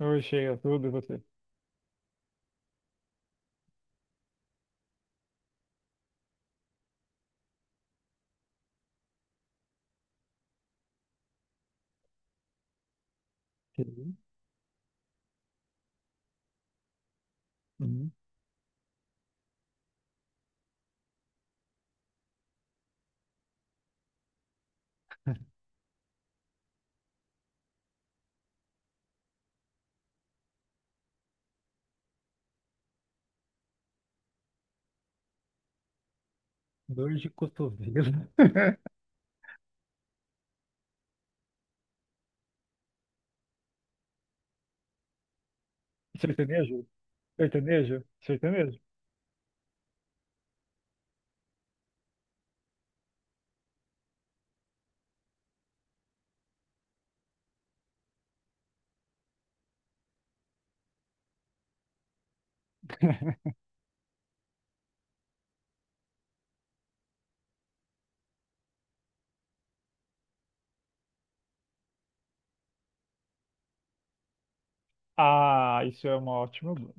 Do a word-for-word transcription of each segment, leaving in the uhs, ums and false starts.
Oi, chega tudo, e você? Sim. Hum. Dor de cotovelo. Sertanejo? Sertanejo? Sertanejo? Ah, isso é uma ótima banda.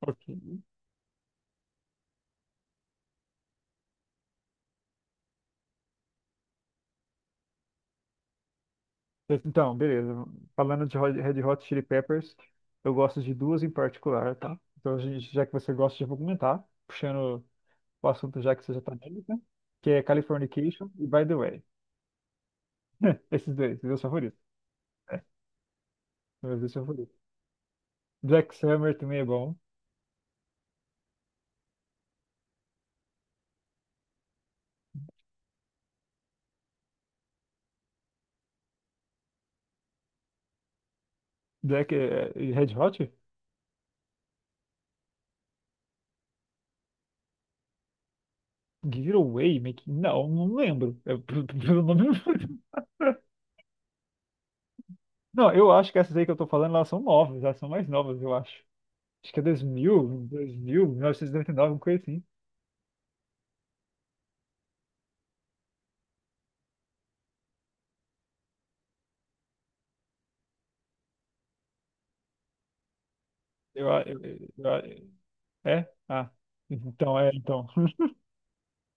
Ok. Então, beleza. Falando de Hot- Red Hot Chili Peppers, eu gosto de duas em particular, tá? Então, a gente- já que você gosta, já vou comentar, puxando o assunto já que você já tá nele, né? Que é Californication e By The Way. Esses dois, meus favoritos. É, meus dois favoritos. Black Summer também é bom. Black eh, e Red Hot? Giveaway making? Não, não lembro. É, pelo pelo nome, não lembro. Não, eu acho que essas aí que eu tô falando, elas são novas, elas são mais novas, eu acho. Acho que é dois mil, dois mil, mil novecentos e noventa e nove, alguma coisa assim. Eu, a- eu, eu, eu- a- É? Ah, então, é, então.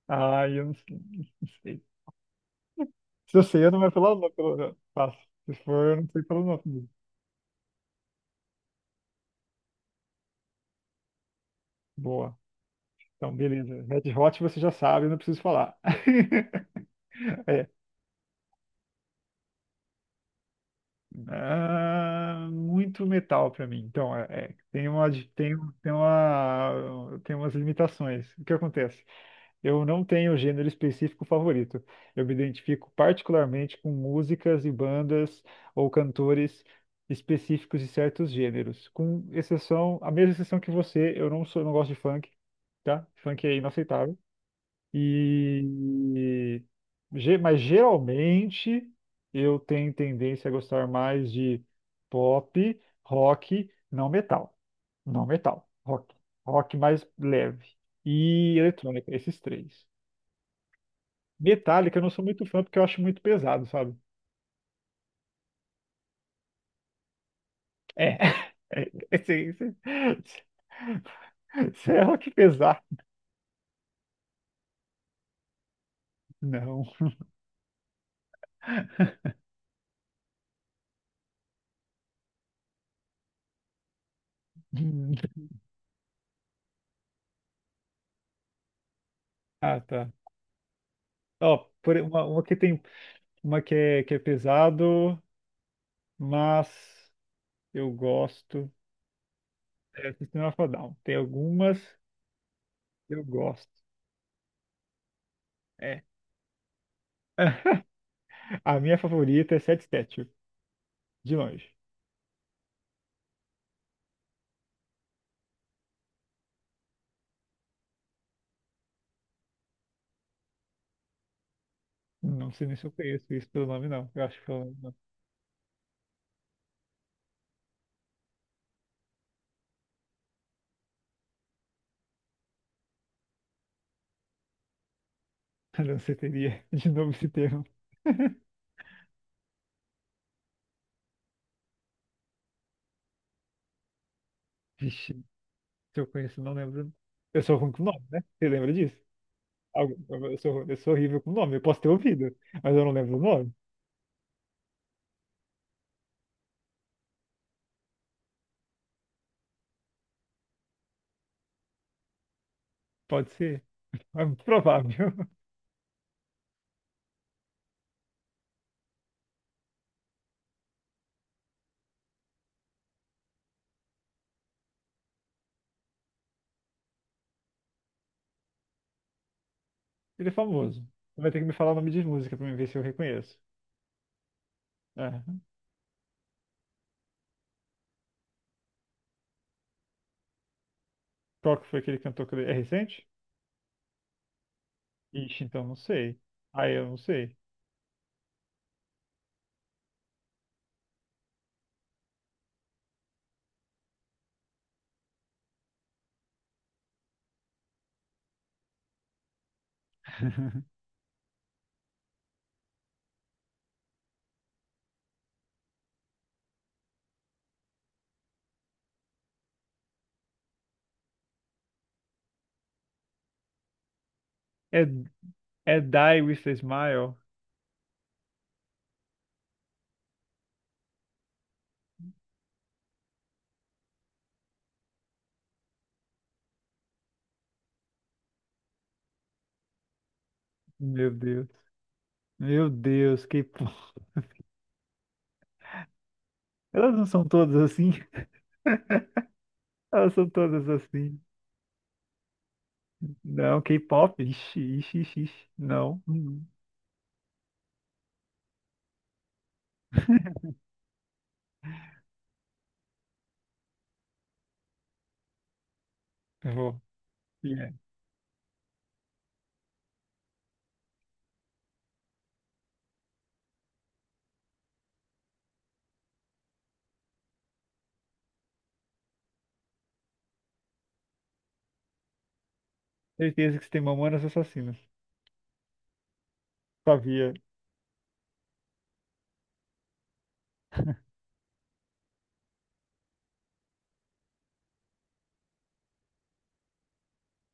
Ah, eu não sei. Não sei. Se eu sei, eu não vou pelo nome, pelo passo. Se for, eu não sei pelo nome. Boa. Então, beleza. Red Hot você já sabe, eu não preciso falar. Ah, muito metal pra mim. Então, é, é, tem uma, di- tem, tem uma, tem umas limitações. O que acontece? Eu não tenho gênero específico favorito. Eu me identifico particularmente com músicas e bandas ou cantores específicos de certos gêneros. Com exceção, a mesma exceção que você, eu não sou, não gosto de funk, tá? Funk é inaceitável. E ge- mas geralmente eu tenho tendência a gostar mais de pop, rock, não metal. Não metal, rock. Rock mais leve. E eletrônica, esses três. Metallica eu não sou muito fã porque eu acho muito pesado, sabe? É. É, é, sim, sim. Isso é rock pesado. Não. Ah, tá. Ó, por, uma, uma que tem uma que é, que é pesado, mas eu gosto. É, System of a Down. Tem algumas que eu gosto. É. A minha favorita é Sad Statue, de longe. Não sei nem se eu conheço isso pelo nome, não. Eu acho que pelo nome não. Não sei teria de novo esse termo. Vixe, se eu conheço, não lembro. Eu sou ruim com nome, né? Você lembra disso? Algu- Eu sou, eu sou horrível com nome. Eu posso ter ouvido, mas eu não lembro o nome. Pode ser. É muito provável. Ele é famoso. Vai ter que me falar o nome de música pra mim ver se eu reconheço. É. Qual que foi aquele cantor que ele cantou? É recente? Ixi, então não sei. Aí eu não sei. É, é Die With a Smile? Meu Deus. Meu Deus, K-pop. Elas não são todas assim? Elas são todas assim. Não, K-pop? Ixi, ixi, ixi, ixi. Não. Hum. Eu vou. Yeah. Certeza que você tem Mamonas Assassinas. Sabia.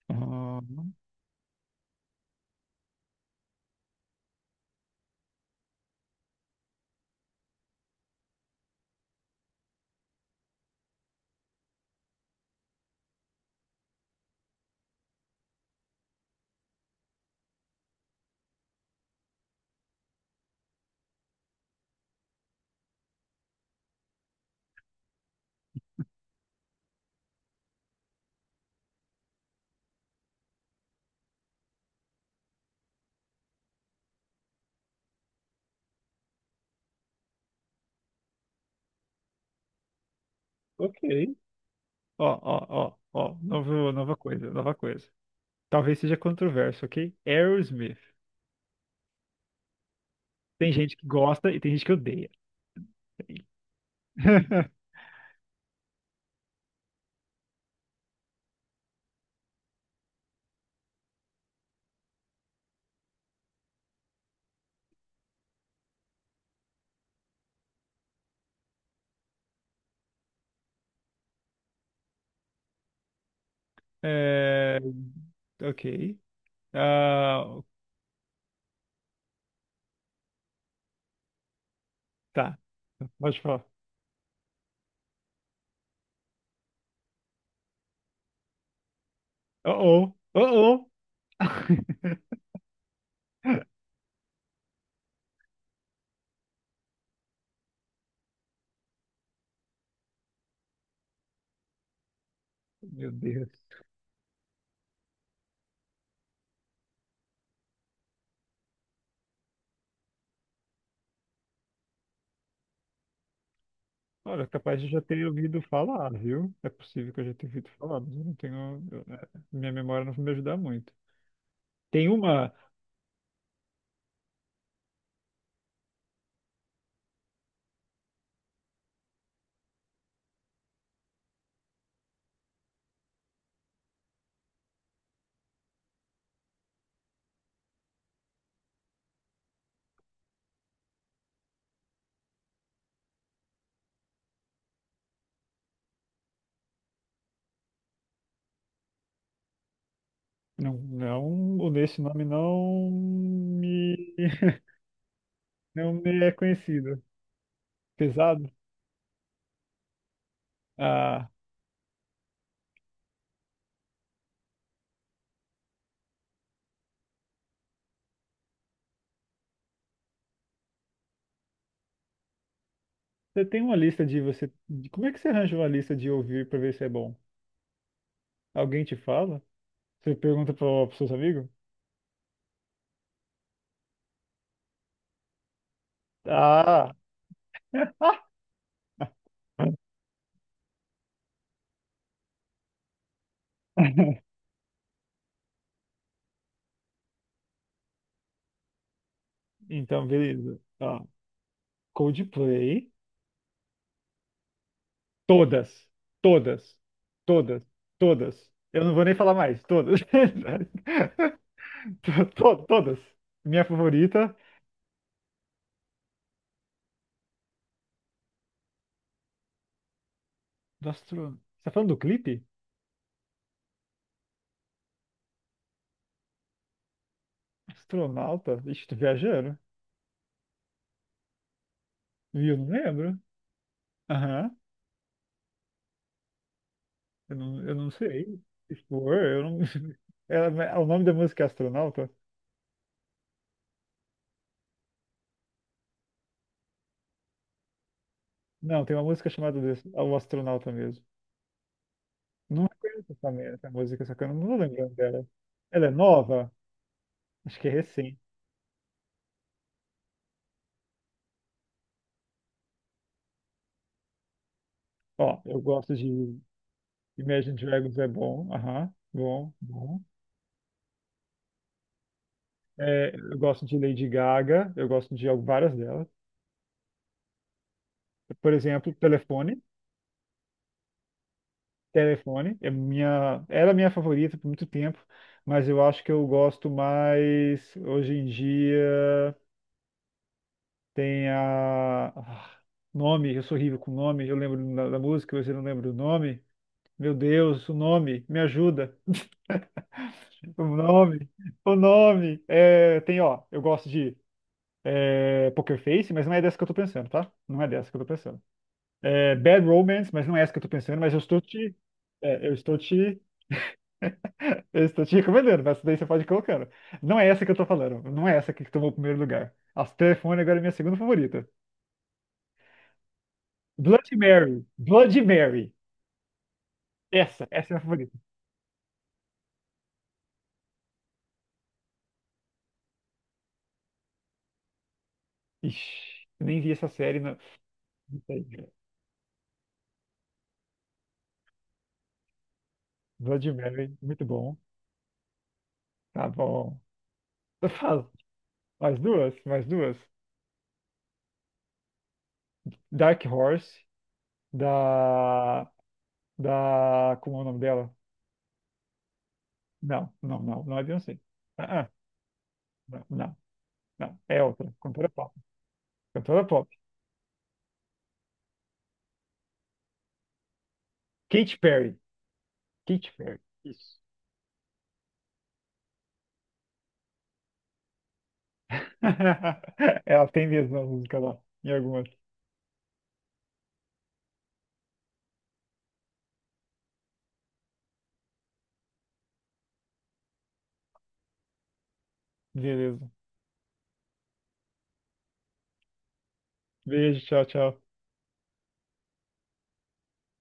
Ah, ok. Ó, ó, ó, ó. Novo, nova coisa, nova coisa. Talvez seja controverso, ok? Aerosmith. Tem gente que gosta e tem gente que odeia. É, ok. Ah, tá. Pode falar. Oh, oh, oh, oh. Meu Deus. Olha, capaz de eu já ter ouvido falar, viu? É possível que eu já tenha ouvido falar, mas eu não tenho. Eu- eh, minha memória não vai me ajudar muito. Tem uma. Não, não, o desse nome não me. Não me é conhecido. Pesado? Ah. Você tem uma lista de você. de- como é que você arranja uma lista de ouvir pra ver se é bom? Alguém te fala? Você pergunta pro, pro seus amigos? Ah! Então, beleza. Ó, Coldplay. Todas. Todas. Todas. Todas. Eu não vou nem falar mais. Todas. To- Todas. Minha favorita. Do astro... Você tá falando do clipe? Astronauta? Ixi, tô viajando. Viu? Não lembro. Aham. Eu não, eu não sei. Expor, eu não. Ela- o nome da música é Astronauta? Não, tem uma música chamada desse, é O Astronauta mesmo. Não reconheço essa, me- essa música, só que eu não vou lembrando dela. Ela é nova? Acho que é recente. Ó, eu gosto de Imagine Dragons. É bom. Aham, bom, bom. É, eu gosto de Lady Gaga, eu gosto de várias delas. Por exemplo, Telefone. Telefone é minha, era minha favorita por muito tempo, mas eu acho que eu gosto mais hoje em dia. Tem a ah, nome, eu sou horrível com nome, eu lembro da, da música, mas eu não lembro do nome. Meu Deus, o nome, me ajuda. O nome, o nome. É, tem, ó, eu gosto de é, Poker Face, mas não é dessa que eu tô pensando, tá? Não é dessa que eu tô pensando. É, Bad Romance, mas não é essa que eu tô pensando, mas eu estou te, é, eu estou te eu estou te recomendando, mas essa daí você pode ir colocando. Não é essa que eu tô falando. Não é essa que tomou o primeiro lugar. As telefone agora é minha segunda favorita. Bloody Mary. Bloody Mary. Essa, essa é a minha favorita. Ixi, eu nem vi essa série. Não. Não sei, cara. Bloody Mary, muito bom. Tá bom. Eu falo. Mais duas, mais duas. Dark Horse, da. Da. Como é o nome dela? Não, não, não, não é Beyoncé. Ah, ah, não, não, não. É outra. Cantora pop. Cantora pop. Katy Perry. Katy Perry. Isso. Ela tem mesmo a música lá, em algumas. Beleza. Beijo, tchau, tchau.